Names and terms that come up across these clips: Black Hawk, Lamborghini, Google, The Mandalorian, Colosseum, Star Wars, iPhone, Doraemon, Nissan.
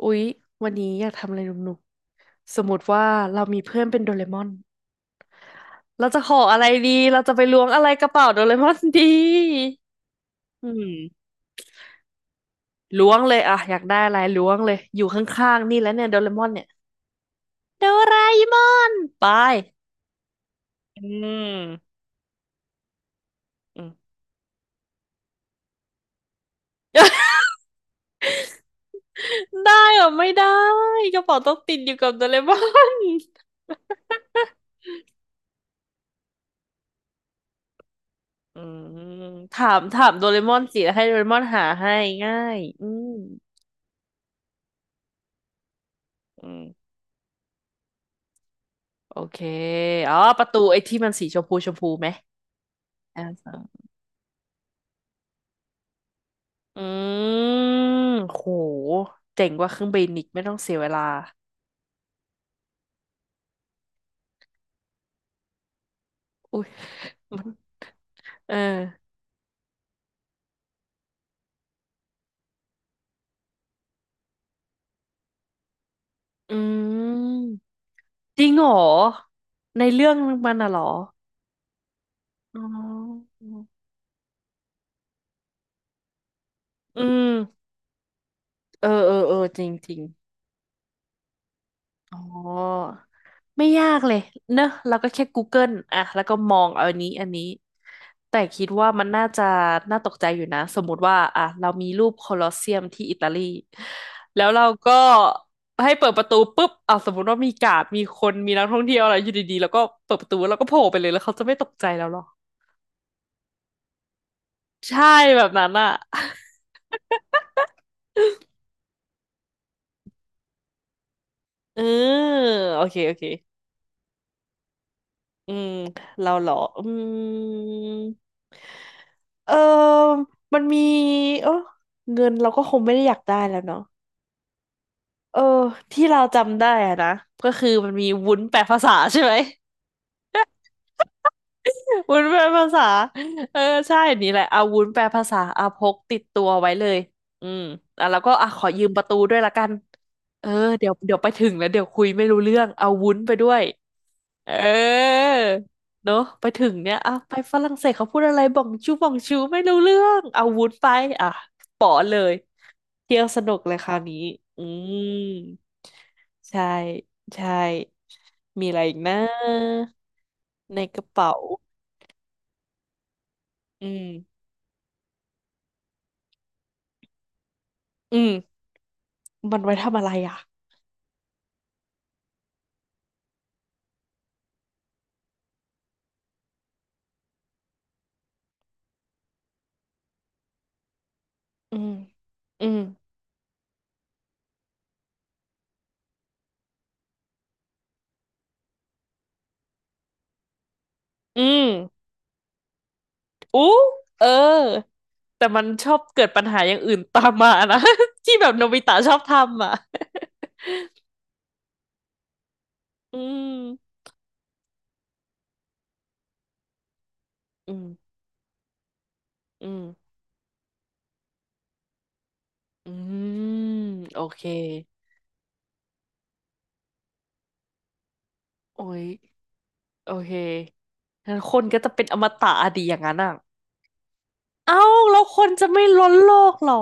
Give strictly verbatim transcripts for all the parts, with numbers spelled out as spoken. อุ๊ยวันนี้อยากทำอะไรหนุกๆสมมติว่าเรามีเพื่อนเป็นโดเรมอนเราจะขออะไรดีเราจะไปล้วงอะไรกระเป๋าโดเรมอน ดีอืมล้วงเลยอะอยากได้อะไรล้วงเลยอยู่ข้างๆนี่แล้วเนี่ยโดเรมอนเนี่ยโดราเอมอนไปอืมอืม ได้เหรอไม่ได้กระเป๋าต้องติดอยู่กับโดเรมอน อืมถามถามโดเรมอนสิแล้วให้โดเรมอนหาให้ง่ายอืมอืม โอเคอ๋อประตูไอ้ที่มันสีชมพูชมพูไหมอ่าสองอืมโหเจ๋งกว่าเครื่องบินอีกไม่ต้องเสียเวลา อุ้ยมันเอออืม จริงเหรอ ในเรื่องมันน่ะเหรออ๋ออืมเออเออเออจริงจริง อ๋อไม่ยากเลยเนอะเราก็แค่ Google อ่ะแล้วก็มองเอาอันนี้อันนี้แต่คิดว่ามันน่าจะน่าตกใจอยู่นะสมมุติว่าอ่ะเรามีรูปโคลอสเซียมที่อิตาลีแล้วเราก็ให้เปิดประตูปุ๊บอ่ะสมมติว่ามีการ์ดมีคนมีนักท่องเที่ยวอะไรอยู่ดีๆแล้วก็เปิดประตูแล้วก็โผล่ไปเลยแล้วเขาจะไม่ตกใจแล้วหรอใช่แบบนั้นอ่ะเออโอเคโอเค อืมเราเหรออืมเออมันมีเออเงินเราก็คงไม่ได้อยากได้แล้วเนาะเออที่เราจำได้อะนะก็คือมันมีวุ้นแปลภาษาใช่ไหม วุ้นแปลภาษา เออใช่นี่แหละเอาวุ้นแปลภาษาเอาพกติดตัวไว้เลยอืมอ่ะแล้วก็อ่ะขอยืมประตูด้วยละกัน เออเดี๋ยวเดี๋ยวไปถึงแล้วเดี๋ยวคุยไม่รู้เรื่องเอาวุ้นไปด้วย เออ เนอะไปถึงเนี่ยอ่ะไปฝรั่งเศสเขาพูดอะไรบ่องชูบ่องชูไม่รู้เรื่อง เอาวุ้นไปอ่ะป๋อเลย เที่ยวสนุกเลยคราวนี้อืมใช่ใช่มีอะไรอีกนะ ในกระเป๋าอืม อืมมันไว้ทำอะไรอ่ะอืมอืมอืมอู้เออแต่มันชอบเกิดปัญหาอย่างอื่นตามมานะ ที่แบบโนบิตะชอบทำอ่ะ อืมอืมอืมอืมโอเคโอ้ยโอเคงั้นคนก็จะเป็นอมตะอะดีอย่างนั้นอ่ะเอ้าแล้วคนจะไม่ล้นโลกเหรอ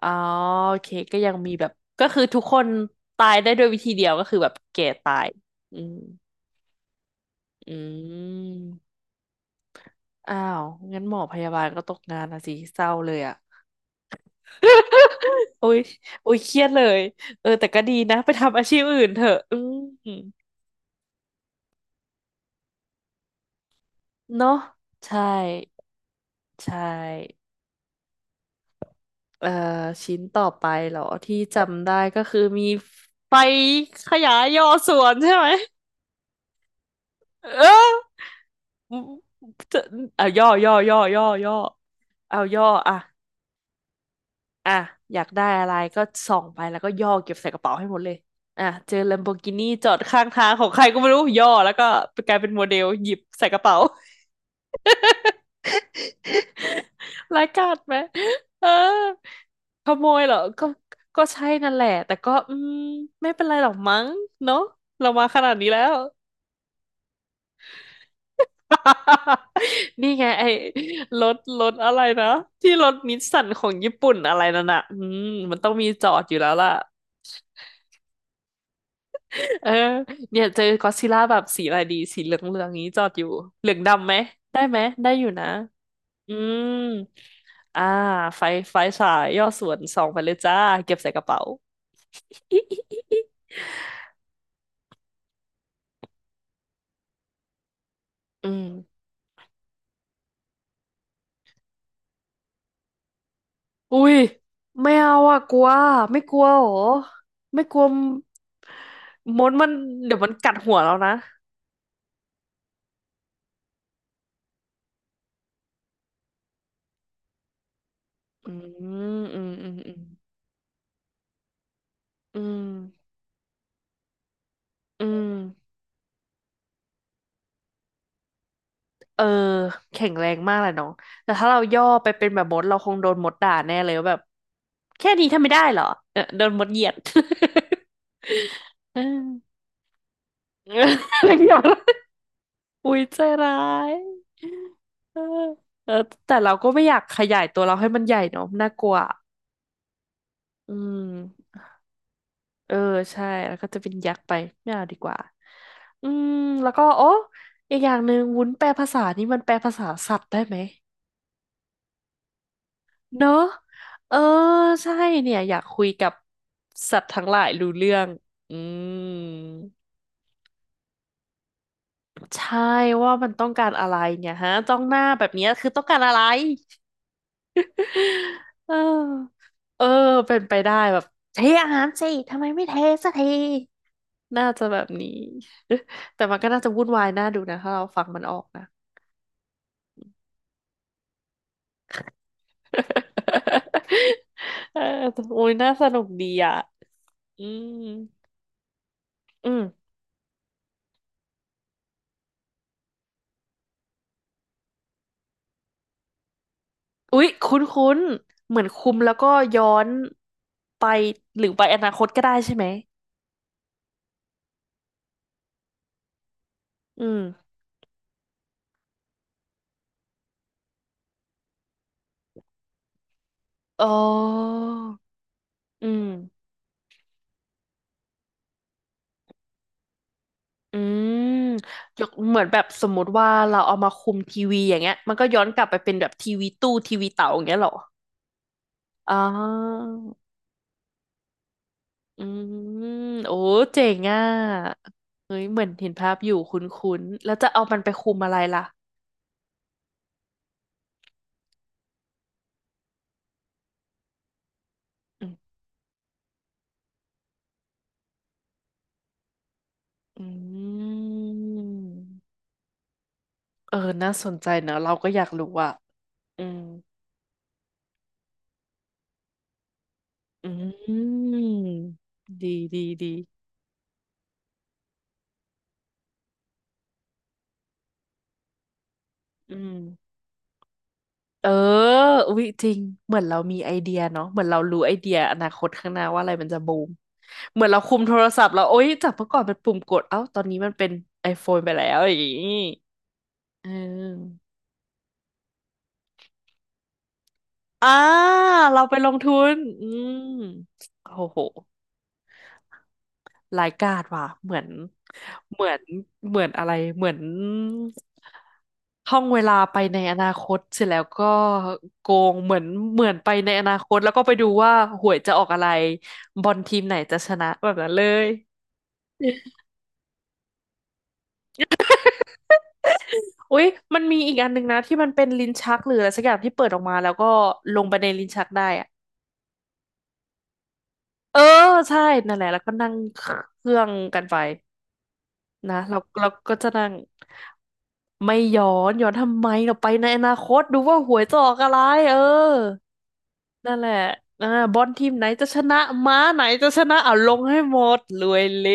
อ๋อโอเคก็ยังมีแบบก็คือทุกคนตายได้ด้วยวิธีเดียวก็คือแบบแก่ตายอืมอืม อ้าวงั้นหมอพยาบาลก็ตกงานนะสิเศร้าเลยอ่ะโอ้ยโอ้ยเครียดเลยเออแต่ก็ดีนะไปทำอาชีพอื่นเถอะอืมเนาะใช่ใช่เอ่อชิ้นต่อไปเหรอที่จำได้ก็คือมีไฟขยายย่อส่วนใช่ไหมเออจะเอาย่อย่อย่อย่อย่อเอาย่ออ่ะ อ่ะอยากได้อะไรก็ส่องไปแล้วก็ย่อเก็บใส่กระเป๋าให้หมดเลยอ่ะเจอ Lamborghini จอดข้างทางของใครก็ไม่รู้ย่อแล้วก็กลายเป็นโมเดลหยิบใส่กระเป๋า ร้ายกาจไหมเออขโมยเหรอก็ก็ใช่นั่นแหละแต่ก็อืมไม่เป็นไรหรอกมั้งเนอะเรามาขนาดนี้แล้ว นี่ไงไอ้รถรถอะไรนะที่รถนิสสันของญี่ปุ่นอะไรนั่นน่ะอืมมันต้องมีจอดอยู่แล้วล่ะ เออเนี่ยเจอก็อดซิลล่าแบบสีอะไรดีสีเหลืองเหลืองนี้จอดอยู่เหลืองดำไหมได้ไหมได้อยู่นะอืมอ่าไฟไฟฉายย่อส่วนส่องไปเลยจ้าเก็บใส่กระเป๋า อิอิอิอิอืมอุ้ยไม่เอาอะกลัวไม่กลัวเหรอไม่กลัวมดมันเดี๋ยวมันกัดหัวเรานะอืมอืมอืมอืมอืมอืม เออแข็งแรงมากแหละน้องแต่ถ้าเราย่อไปเป็นแบบมดเราคงโดนมดด่าแน่เลยว่าแบบแค่นี้ทำไม่ได้เหรอเออโดนมดเหยียด เออเอออะไรอย่างเงี้ย อุ้ยใจร้ายเออเออแต่เราก็ไม่อยากขยายตัวเราให้มันใหญ่เนาะน่ากลัวอืมเออใช่แล้วก็จะเป็นยักษ์ไปไม่เอาดีกว่าอืมแล้วก็โอ้อีกอย่างหนึ่งวุ้นแปลภาษานี่มันแปลภาษาสัตว์ได้ไหม เนอะ เออใช่เนี่ยอยากคุยกับสัตว์ทั้งหลายรู้เรื่องอืมใช่ว่ามันต้องการอะไรเนี่ยฮะจ้องหน้าแบบเนี้ยคือต้องการอะไรเออเออเป็นไปได้แบบเทอาหารสิทำไมไม่เทสักทีน่าจะแบบนี้ แต่มันก็น่าจะวุ่นวายน่าดูนะถ้าเราฟังมันออกนะ เออโอ้ยน่าสนุกดีอ่ะอืมอืม อุ๊ยคุ้นๆเหมือนคุมแล้วก็ย้อนไปหรือไปอนาคตก็ได้ใช่ไหมอืมอ๋ออืมอืมยกเหมือนแบบสมมติว่าเราเอามาคุมทีวีอย่างเงี้ยมันก็ย้อนกลับไปเป็นแบบทีวีตู้ทีวีเต่าอย่างเงี้ยเหรออ๋ออืมโอ้เจ๋งอ่ะเฮ้ยเหมือนเห็นภาพอยู่คุ้นๆแล้วจะเอามันไปคุมอะไรล่ะอืมอืมเออน่าสนใจเนอะเราก็อยากรู้อ่ะอืม อืมดีดีดีอืมเอออุ๊ยจริงเหมือนเรามีไอเดียเนาะเหมือนเรารู้ไอเดียอนาคตข้างหน้าว่าอะไรมันจะบูมเหมือนเราคุมโทรศัพท์เราโอ๊ยจากเมื่อก่อนเป็นปุ่มกดเอ้าตอนนี้มันเป็น iPhone ไปแล้วอย่างงี้เอออ่าเราไปลงทุนอืมโอ้โห รายการว่ะเหมือนเหมือนเหมือนอะไรเหมือนท่องเวลาไปในอนาคตเสร็จแล้วก็โกงเหมือนเหมือนไปในอนาคตแล้วก็ไปดูว่าหวยจะออกอะไรบอลทีมไหนจะชนะแบบนั้นเลยอุ๊ยมันมีอีกอันหนึ่งนะที่มันเป็นลิ้นชักหรืออะไรสักอย่างที่เปิดออกมาแล้วก็ลงไปในลิ้นชักได้อะเออใช่นั่นแหละแล้วก็นั่งเครื่องกันไป นะเราเราก็จะนั่งไม่ย้อนย้อนทำไมเราไปในอนาคตดูว่าหวยจะออกอะไรเออนั่นแหละอ่าบอลทีมไหนจะชนะม้าไหนจะชนะเอาลงให้หมดรวยเละ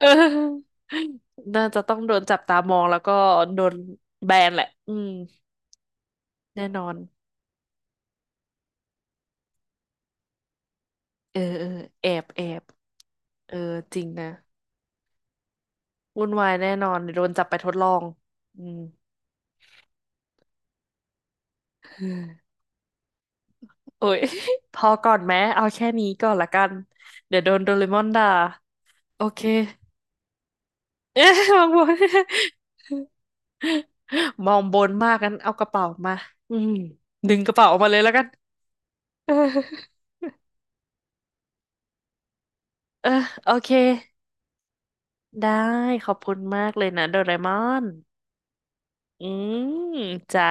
เออน่าจะต้องโดนจับตามองแล้วก็โดนแบนแหละอืมแน่นอนเออเออแอบแอบเออจริงนะวุ่นวายแน่นอนเดี๋ยวโดนจับไปทดลองอืม โอ้ย พอก่อนแม้เอาแค่นี้ก่อนละกันเดี๋ยวโดนโดเรมอนด่าโอเค เอ๊ะมองบน มองบนมากงั้นเอากระเป๋ามาอืมดึงกระเป๋าออกมาเลยแล้วกัน เออเออโอเคได้ขอบคุณมากเลยนะโดเรมอนอืมจ้า